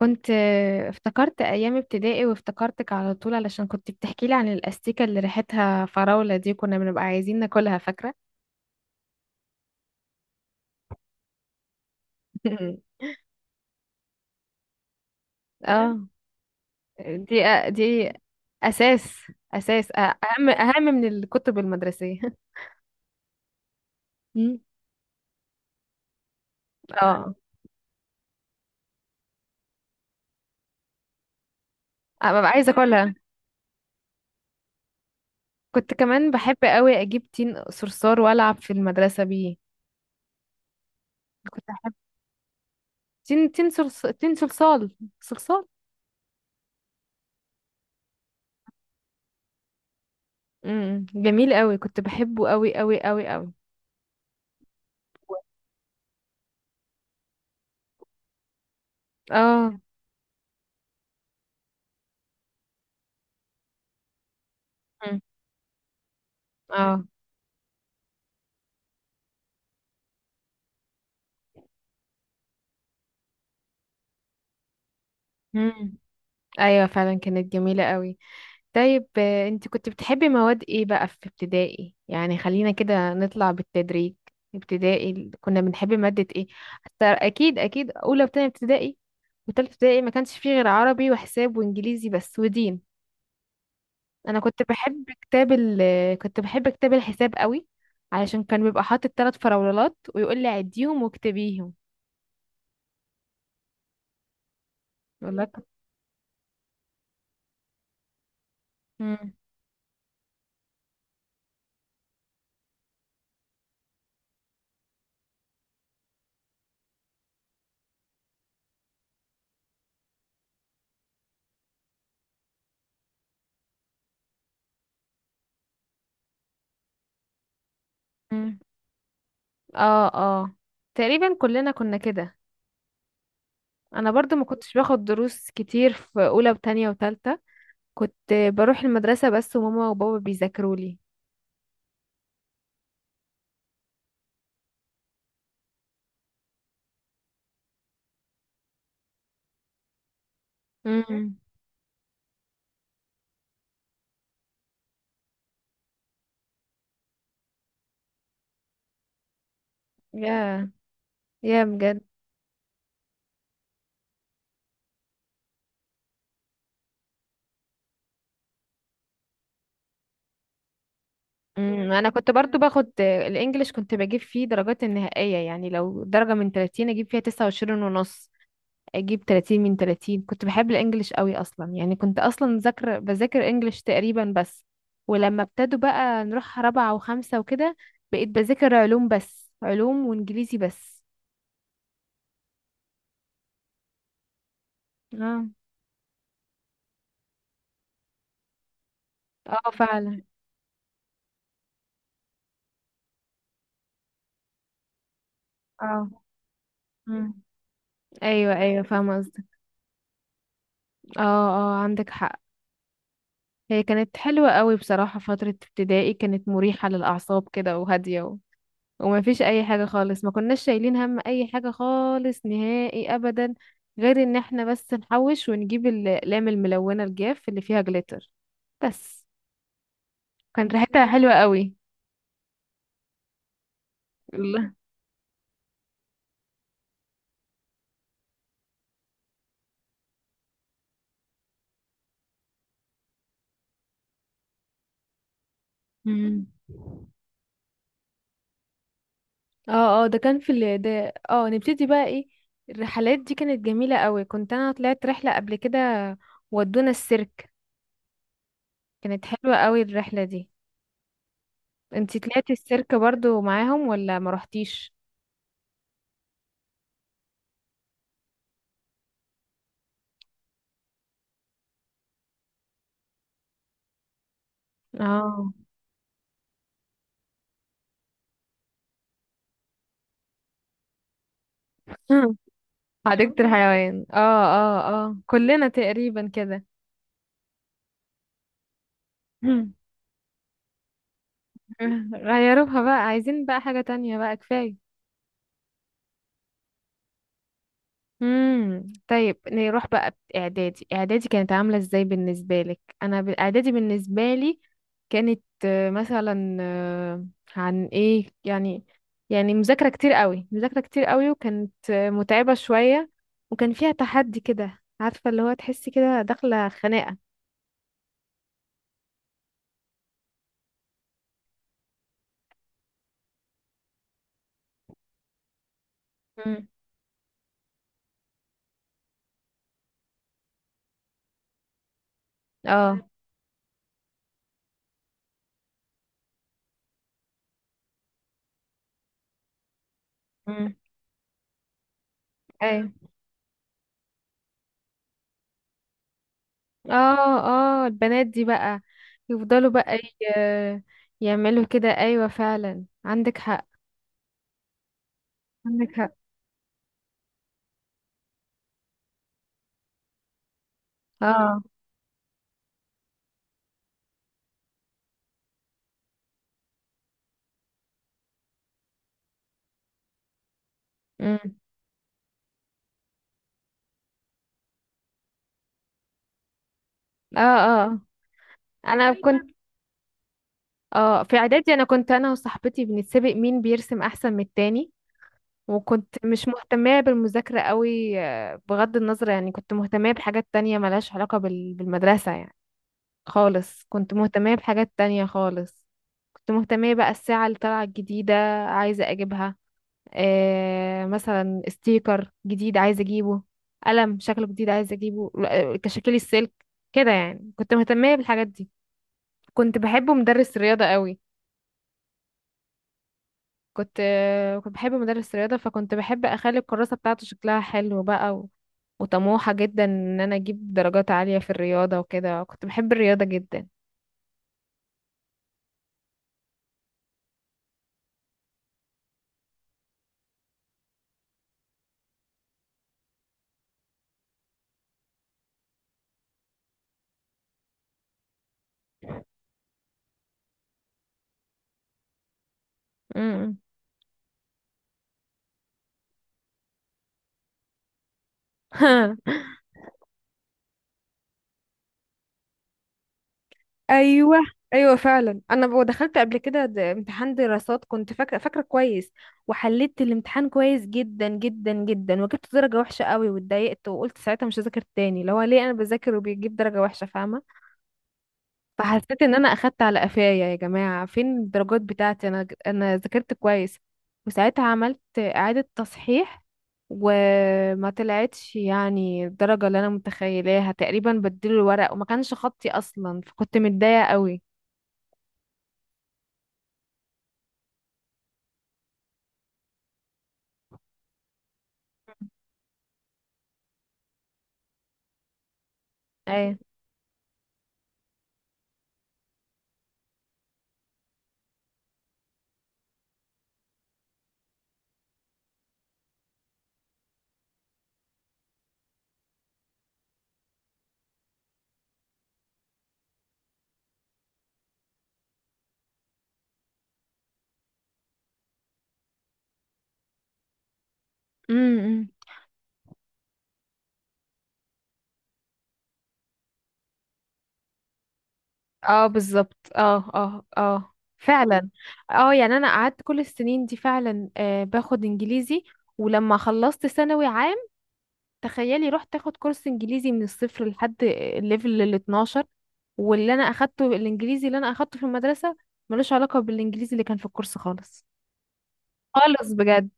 كنت افتكرت ايام ابتدائي وافتكرتك على طول علشان كنت بتحكي لي عن الاستيكه اللي ريحتها فراوله دي، كنا بنبقى عايزين ناكلها فاكره. اه، دي اساس اساس اهم من الكتب المدرسيه. مم. اه، ببقى عايزه اكلها. كنت كمان بحب قوي اجيب تين صرصار والعب في المدرسه بيه. كنت احب تين تين صرص تين صلصال. صلصال. جميل قوي، كنت بحبه قوي قوي قوي قوي. اه، اه. امم، ايوه فعلا كانت جميله قوي. طيب، انت كنت بتحبي مواد ايه بقى في ابتدائي؟ يعني خلينا كده نطلع بالتدريج. كنا بنحب ماده ايه؟ حتى اكيد اكيد اولى وتانية ابتدائي وتالتة ابتدائي ما كانش فيه غير عربي وحساب وانجليزي بس ودين. انا كنت بحب كتاب ال آه، كنت بحب كتاب الحساب قوي، علشان كان بيبقى حاطط ثلاث فراولات ويقول لي عديهم واكتبيهم. والله كنت- مم. مم. اه، اه، تقريبا كلنا كنا كده. انا برضو ما كنتش باخد دروس كتير في اولى وتانية وتالتة، كنت بروح المدرسة بس وماما وبابا بيذاكروا لي. امم. يا، بجد. امم، انا كنت برضو باخد الانجليش، كنت بجيب فيه درجات النهائية. يعني لو درجة من 30 اجيب فيها 29 ونص، اجيب 30 من 30. كنت بحب الانجليش قوي اصلا. يعني كنت اصلا ذاكر بذاكر انجليش تقريبا بس. ولما ابتدوا بقى نروح رابعة وخمسة وكده، بقيت بذاكر علوم بس، علوم وانجليزي بس. اه، اه فعلا. اه. مم. ايوه، ايوه، فاهمه قصدك. اه، اه، عندك حق. هي كانت حلوه قوي بصراحه. فتره ابتدائي كانت مريحه للاعصاب كده وهاديه، و... وما فيش اي حاجه خالص. ما كناش شايلين هم اي حاجه خالص نهائي ابدا، غير ان احنا بس نحوش ونجيب الاقلام الملونه الجاف اللي فيها جليتر بس. كانت ريحتها حلوه قوي. الله. مم. اه، اه، ده كان في ال... ده اه نبتدي بقى ايه. الرحلات دي كانت جميلة قوي. كنت انا طلعت رحلة قبل كده، ودونا السيرك. كانت حلوة قوي الرحلة دي. انتي طلعتي السيرك برضو معاهم ولا ما روحتيش؟ اه. حديقة الحيوان. اه، اه، اه، كلنا تقريبا كده. غيروها بقى، عايزين بقى حاجة تانية بقى، كفاية. امم، طيب، نروح بقى اعدادي. اعدادي كانت عامله ازاي بالنسبه لك؟ انا اعدادي بالنسبه لي كانت مثلا، عن ايه يعني؟ يعني مذاكره كتير قوي، مذاكره كتير قوي، وكانت متعبه شويه، وكان فيها تحدي كده عارفه، اللي هو تحسي كده داخله خناقه. امم. اه. امم. اي. اه، اه، البنات دي بقى يفضلوا بقى ي- يعملوا كده. ايوه فعلا، عندك حق. عندك حق. اه. امم. اه، اه. انا دايما كنت اه في اعدادي انا كنت انا وصاحبتي بنتسابق مين بيرسم احسن من التاني. وكنت مش مهتمة بالمذاكرة قوي. بغض النظر يعني كنت مهتمة بحاجات تانية ملهاش علاقة بالمدرسة يعني، خالص. كنت مهتمة بحاجات تانية خالص. كنت مهتمة بقى الساعة اللي طالعة الجديدة، عايزة اجيبها. مثلا ستيكر جديد عايزة اجيبه، قلم شكله جديد عايزة اجيبه، تشكيل السلك. كده يعني كنت مهتمة بالحاجات دي. كنت بحب مدرس رياضة قوي. كنت كنت بحب مدرس رياضة، فكنت بحب اخلي الكراسة بتاعته شكلها حلو بقى، و... وطموحة جدا ان انا اجيب درجات عالية في الرياضة وكده. كنت بحب الرياضة جدا. امم. ايوه، ايوه فعلا. انا ب- دخلت قبل كده د- امتحان دراسات كنت فاكره، فاكره كويس. وحليت الامتحان كويس جدا جدا جدا، وجبت درجه وحشه قوي، واتضايقت وقلت ساعتها مش هذاكر تاني. اللي هو ليه انا بذاكر وبيجيب درجه وحشه، فاهمه؟ فحسيت ان انا اخدت على قفايا. يا جماعه فين الدرجات بتاعتي، انا ذاكرت كويس. وساعتها عملت اعاده تصحيح، وما طلعتش يعني الدرجه اللي انا متخيلاها تقريبا. بدلوا الورق وما كانش خطي اصلا، فكنت متضايقه قوي. ايه. امم. اه، بالظبط، اه، اه، اه، فعلا. اه، يعني انا قعدت كل السنين دي فعلا باخد انجليزي. ولما خلصت ثانوي عام، تخيلي رحت اخد كورس انجليزي من الصفر لحد الليفل ال 12، واللي انا اخدته الانجليزي اللي انا اخدته في المدرسة ملوش علاقة بالانجليزي اللي كان في الكورس خالص. خالص بجد.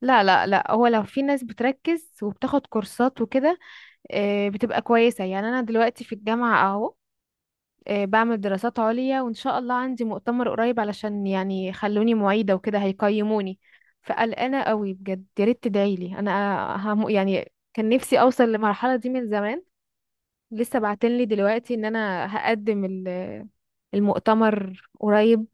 لا، لا، لا، هو لو في ناس بتركز وبتاخد كورسات وكده بتبقى كويسة. يعني انا دلوقتي في الجامعة اهو بعمل دراسات عليا، وان شاء الله عندي مؤتمر قريب علشان يعني خلوني معيدة وكده هيقيموني. فقلقانة قوي بجد، يا ريت تدعيلي. انا هم يعني كان نفسي اوصل للمرحلة دي من زمان. لسه بعتنلي دلوقتي ان انا هقدم المؤتمر قريب.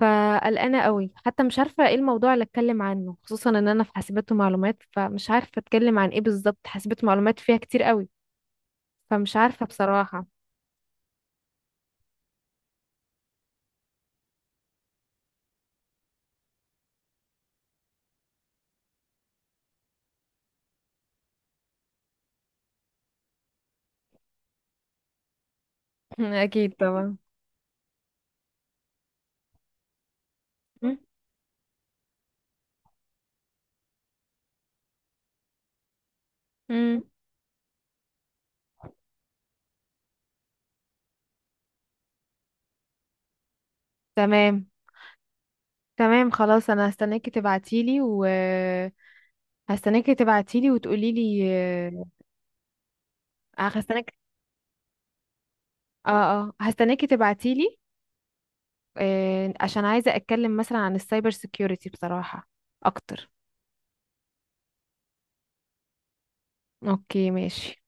فقلقانه قوي، حتى مش عارفه ايه الموضوع اللي اتكلم عنه، خصوصا ان انا في حاسبات ومعلومات، فمش عارفه اتكلم عن ايه بالظبط. حاسبات ومعلومات فيها كتير قوي، فمش عارفه بصراحه. اكيد طبعا. م- م. تمام، تمام، خلاص انا هستناكي تبعتيلي. هستناكي تبعتيلي وتقوليلي. هستناك. اه، اه، هستناكي تبعتيلي. عشان عايزة أتكلم مثلا عن السايبر سيكيورتي بصراحة أكتر. أوكي ماشي.